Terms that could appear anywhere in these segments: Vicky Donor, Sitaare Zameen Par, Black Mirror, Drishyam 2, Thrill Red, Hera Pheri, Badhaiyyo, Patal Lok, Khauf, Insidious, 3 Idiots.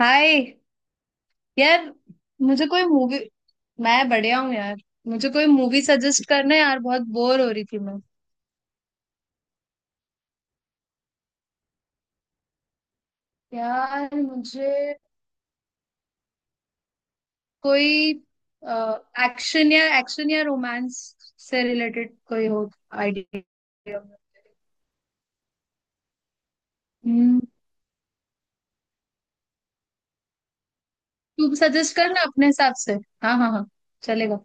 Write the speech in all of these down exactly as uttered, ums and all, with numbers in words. हाय। यार। मुझे कोई मूवी। मैं बढ़िया हूँ यार। मुझे कोई मूवी सजेस्ट करना यार, बहुत बोर हो रही थी मैं। यार, मुझे कोई एक्शन या एक्शन या रोमांस से रिलेटेड कोई हो आइडिया। हम्म। तू सजेस्ट करना अपने हिसाब से। हाँ हाँ हाँ, चलेगा।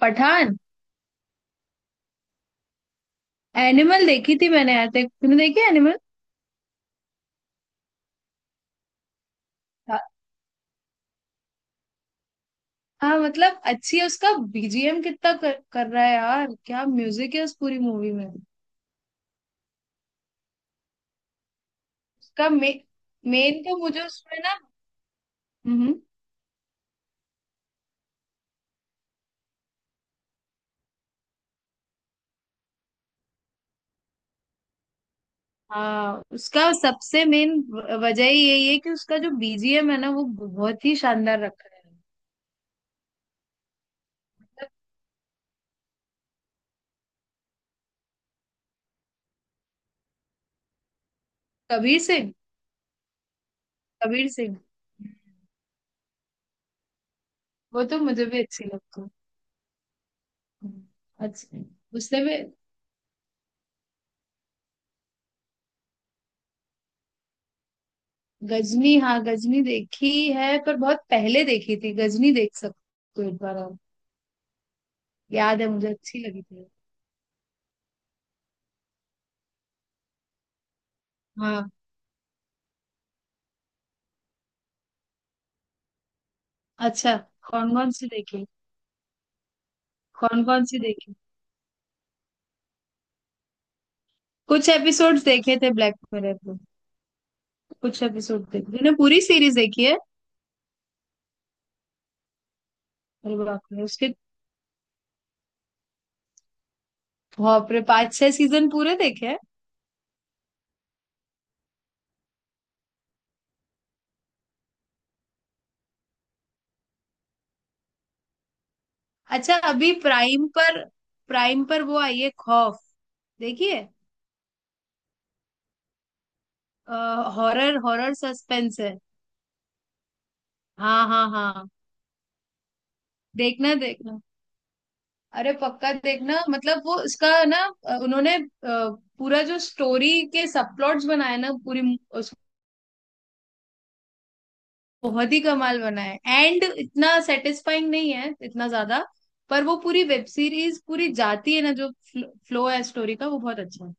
पठान। एनिमल देखी थी मैंने यार। देख- तूने देखी एनिमल? हाँ। हाँ, मतलब अच्छी है। उसका बीजीएम कितना कर, कर रहा है यार, क्या म्यूजिक है उस पूरी मूवी में। उसका मे, मेन तो मुझे उसमें ना। हम्म। हाँ, उसका सबसे मेन वजह ही यही है कि उसका जो बीजीएम है ना, वो बहुत ही शानदार रखा है। मतलब। कबीर सिंह। कबीर सिंह। वो तो मुझे भी अच्छी लगती है। अच्छा। उसने भी। गजनी। हाँ, गजनी देखी है पर बहुत पहले देखी थी। गजनी देख सकते हो एक बार आप। याद है, मुझे अच्छी लगी थी। हाँ। अच्छा। कौन कौन सी देखी। कौन कौन सी देखी। कुछ एपिसोड्स देखे थे ब्लैक मिरर के। कुछ एपिसोड देखे। तूने पूरी सीरीज देखी है? अरे बाप रे उसके बाप रे, पांच छह सीजन पूरे देखे हैं? अच्छा। अभी प्राइम पर प्राइम पर वो आई है खौफ। देखिए। हॉरर हॉरर सस्पेंस है। हाँ हाँ हाँ। देखना देखना। अरे पक्का देखना, मतलब वो उसका ना अ, उन्होंने अ, पूरा जो स्टोरी के सब प्लॉट्स बनाए ना पूरी, बहुत ही कमाल बना है। एंड इतना सेटिस्फाइंग नहीं है इतना ज्यादा। पर वो पूरी वेब सीरीज पूरी जाती है ना, जो फ्लो है स्टोरी का, वो बहुत अच्छा है।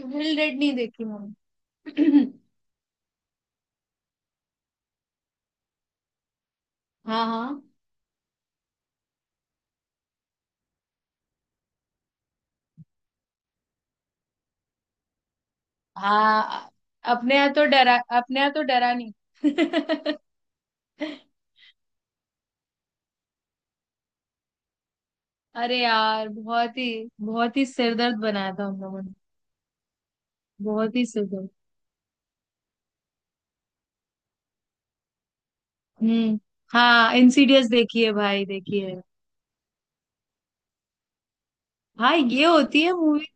थ्रिल रेड नहीं देखी मैंने। हाँ हाँ हाँ। अपने यहाँ तो डरा अपने यहाँ तो डरा नहीं। अरे यार बहुत ही बहुत ही सिरदर्द बनाया था उन लोगों ने। बहुत ही सिरदर्द। हम्म। हाँ, इंसीडियस देखी है भाई, देखी है। हाँ, ये होती है मूवी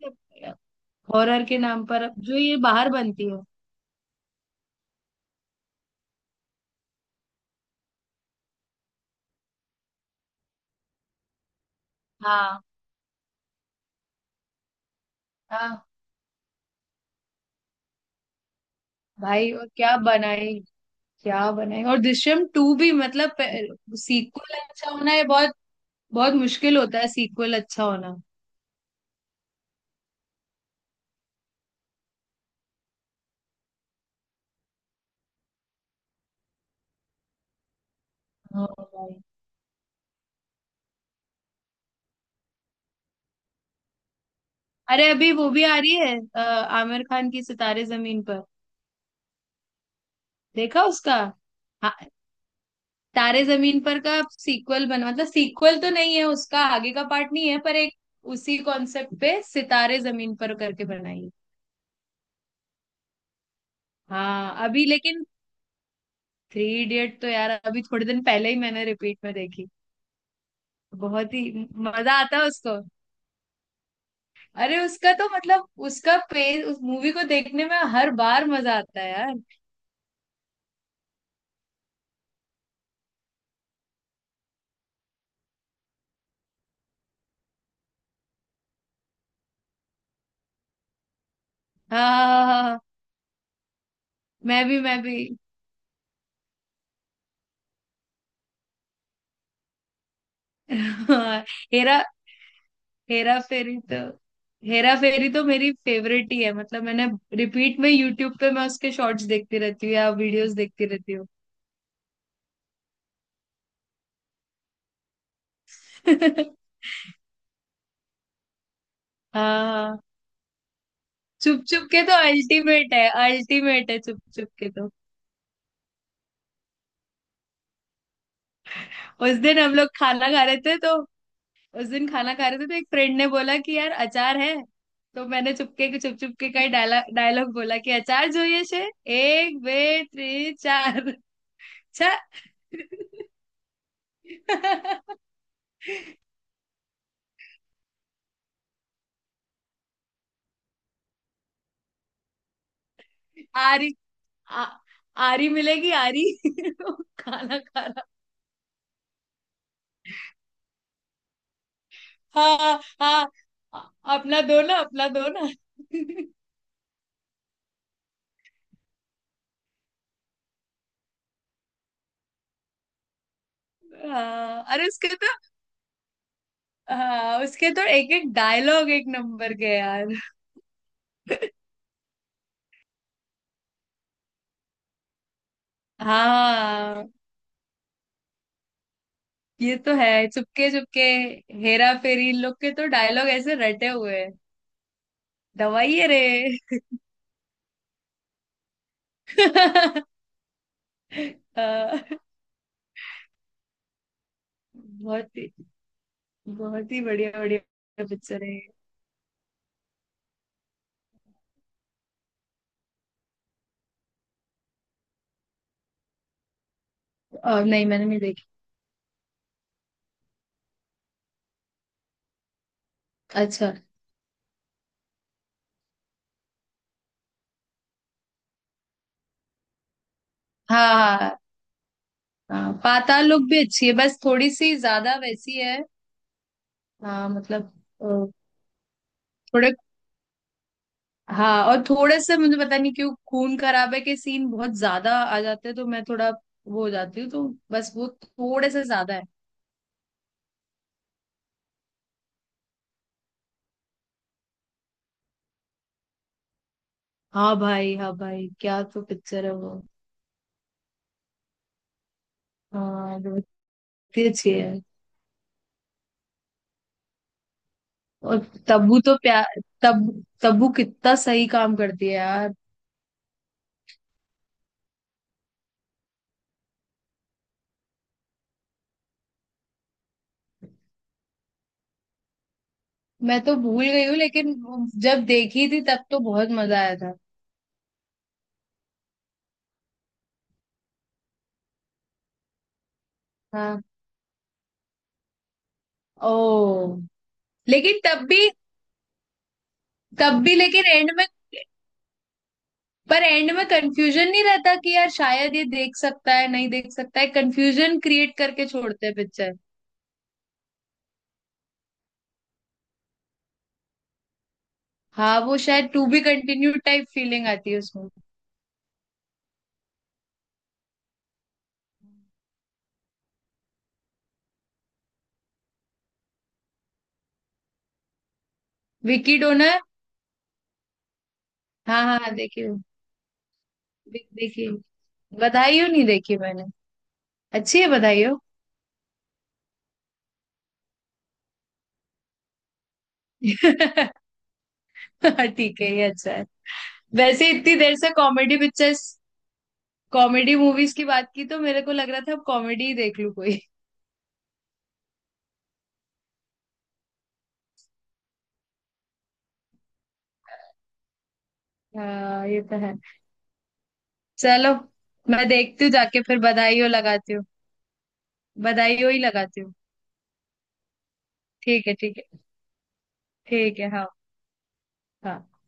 हॉरर के नाम पर जो ये बाहर बनती है। हाँ हाँ। भाई, और क्या बनाई, क्या बनाई, और दृश्यम टू भी मतलब। सीक्वल अच्छा होना ये बहुत बहुत मुश्किल होता है, सीक्वल अच्छा होना। हाँ भाई। अरे, अभी वो भी आ रही है अ, आमिर खान की सितारे जमीन पर। देखा उसका? हाँ, तारे जमीन पर का सीक्वल बना, मतलब सीक्वल तो नहीं है उसका, आगे का पार्ट नहीं है पर एक उसी कॉन्सेप्ट पे सितारे जमीन पर करके बनाई है। हाँ अभी, लेकिन थ्री इडियट तो यार अभी थोड़े दिन पहले ही मैंने रिपीट में देखी। बहुत ही। मजा आता है उसको। अरे उसका तो मतलब उसका पेज, उस मूवी को देखने में हर बार मजा आता है यार। हाँ हाँ हाँ हाँ, हाँ। मैं भी मैं भी। हाँ, हेरा हेरा फेरी तो। हेरा फेरी तो मेरी फेवरेट ही है मतलब। मैंने रिपीट में यूट्यूब पे मैं उसके शॉर्ट्स देखती रहती हूँ या वीडियोस देखती रहती हूँ। हाँ हाँ। चुप चुप के तो अल्टीमेट है, अल्टीमेट है चुप चुप के तो। उस दिन हम लोग खाना खा रहे थे तो। उस दिन खाना खा रहे थे तो एक फ्रेंड ने बोला कि यार अचार है। तो मैंने चुपके चुप चुप के कई डायलॉग डायलॉग बोला कि अचार જોઈએ છે। एक बे त्रे चार। चार। आरी आ, आरी मिलेगी आरी। खाना खा रहा। हाँ हाँ। अ- अपना दो ना, अपना दो ना। हाँ, अरे उसके तो। हाँ उसके तो एक एक डायलॉग एक नंबर के यार। हाँ, ये तो है चुपके चुपके, हेरा फेरी, इन लोग के तो डायलॉग ऐसे रटे हुए हैं। दवाइए रे। अ, बहुत ही बहुत ही बढ़िया बढ़िया पिक्चर है। और नहीं, मैंने नहीं देखी। अच्छा। हाँ हाँ हाँ, पाताल लोक भी अच्छी है, बस थोड़ी सी ज्यादा वैसी है। हाँ मतलब अ, थोड़े। हाँ, और थोड़े से मुझे पता नहीं क्यों खून खराबे के सीन बहुत ज्यादा आ जाते हैं तो मैं थोड़ा। वो हो जाती हूँ तो बस, वो थोड़े से ज्यादा है। हाँ भाई, हाँ भाई, क्या तो पिक्चर है वो। हाँ, बहुत ही अच्छी है। और तब्बू तो प्यार तब तब्बू कितना सही काम करती है यार। मैं तो भूल गई हूँ, लेकिन जब देखी थी तब तो बहुत मजा आया था। हाँ। ओ। लेकिन तब भी। तब भी, लेकिन एंड में। पर एंड में कंफ्यूजन नहीं रहता कि यार शायद ये देख सकता है, नहीं देख सकता है, कंफ्यूजन क्रिएट करके छोड़ते हैं पिक्चर। हाँ, वो शायद to be continue type feeling आती है उसमें। विकी डोनर। हाँ हाँ हाँ, देखिए। दे- देखिए। बधाइयो नहीं देखी मैंने। अच्छी है बधाइयो। ठीक है, ये अच्छा है। वैसे, इतनी देर से कॉमेडी पिक्चर्स कॉमेडी मूवीज की बात की तो मेरे को लग रहा था अब कॉमेडी ही देख लूं कोई। हाँ, ये तो है। चलो। मैं देखती हूँ जाके फिर बधाइयो लगाती हूँ। बधाइयो ही लगाती हूँ। ठीक है, ठीक है। ठीक है, हाँ। हाँ।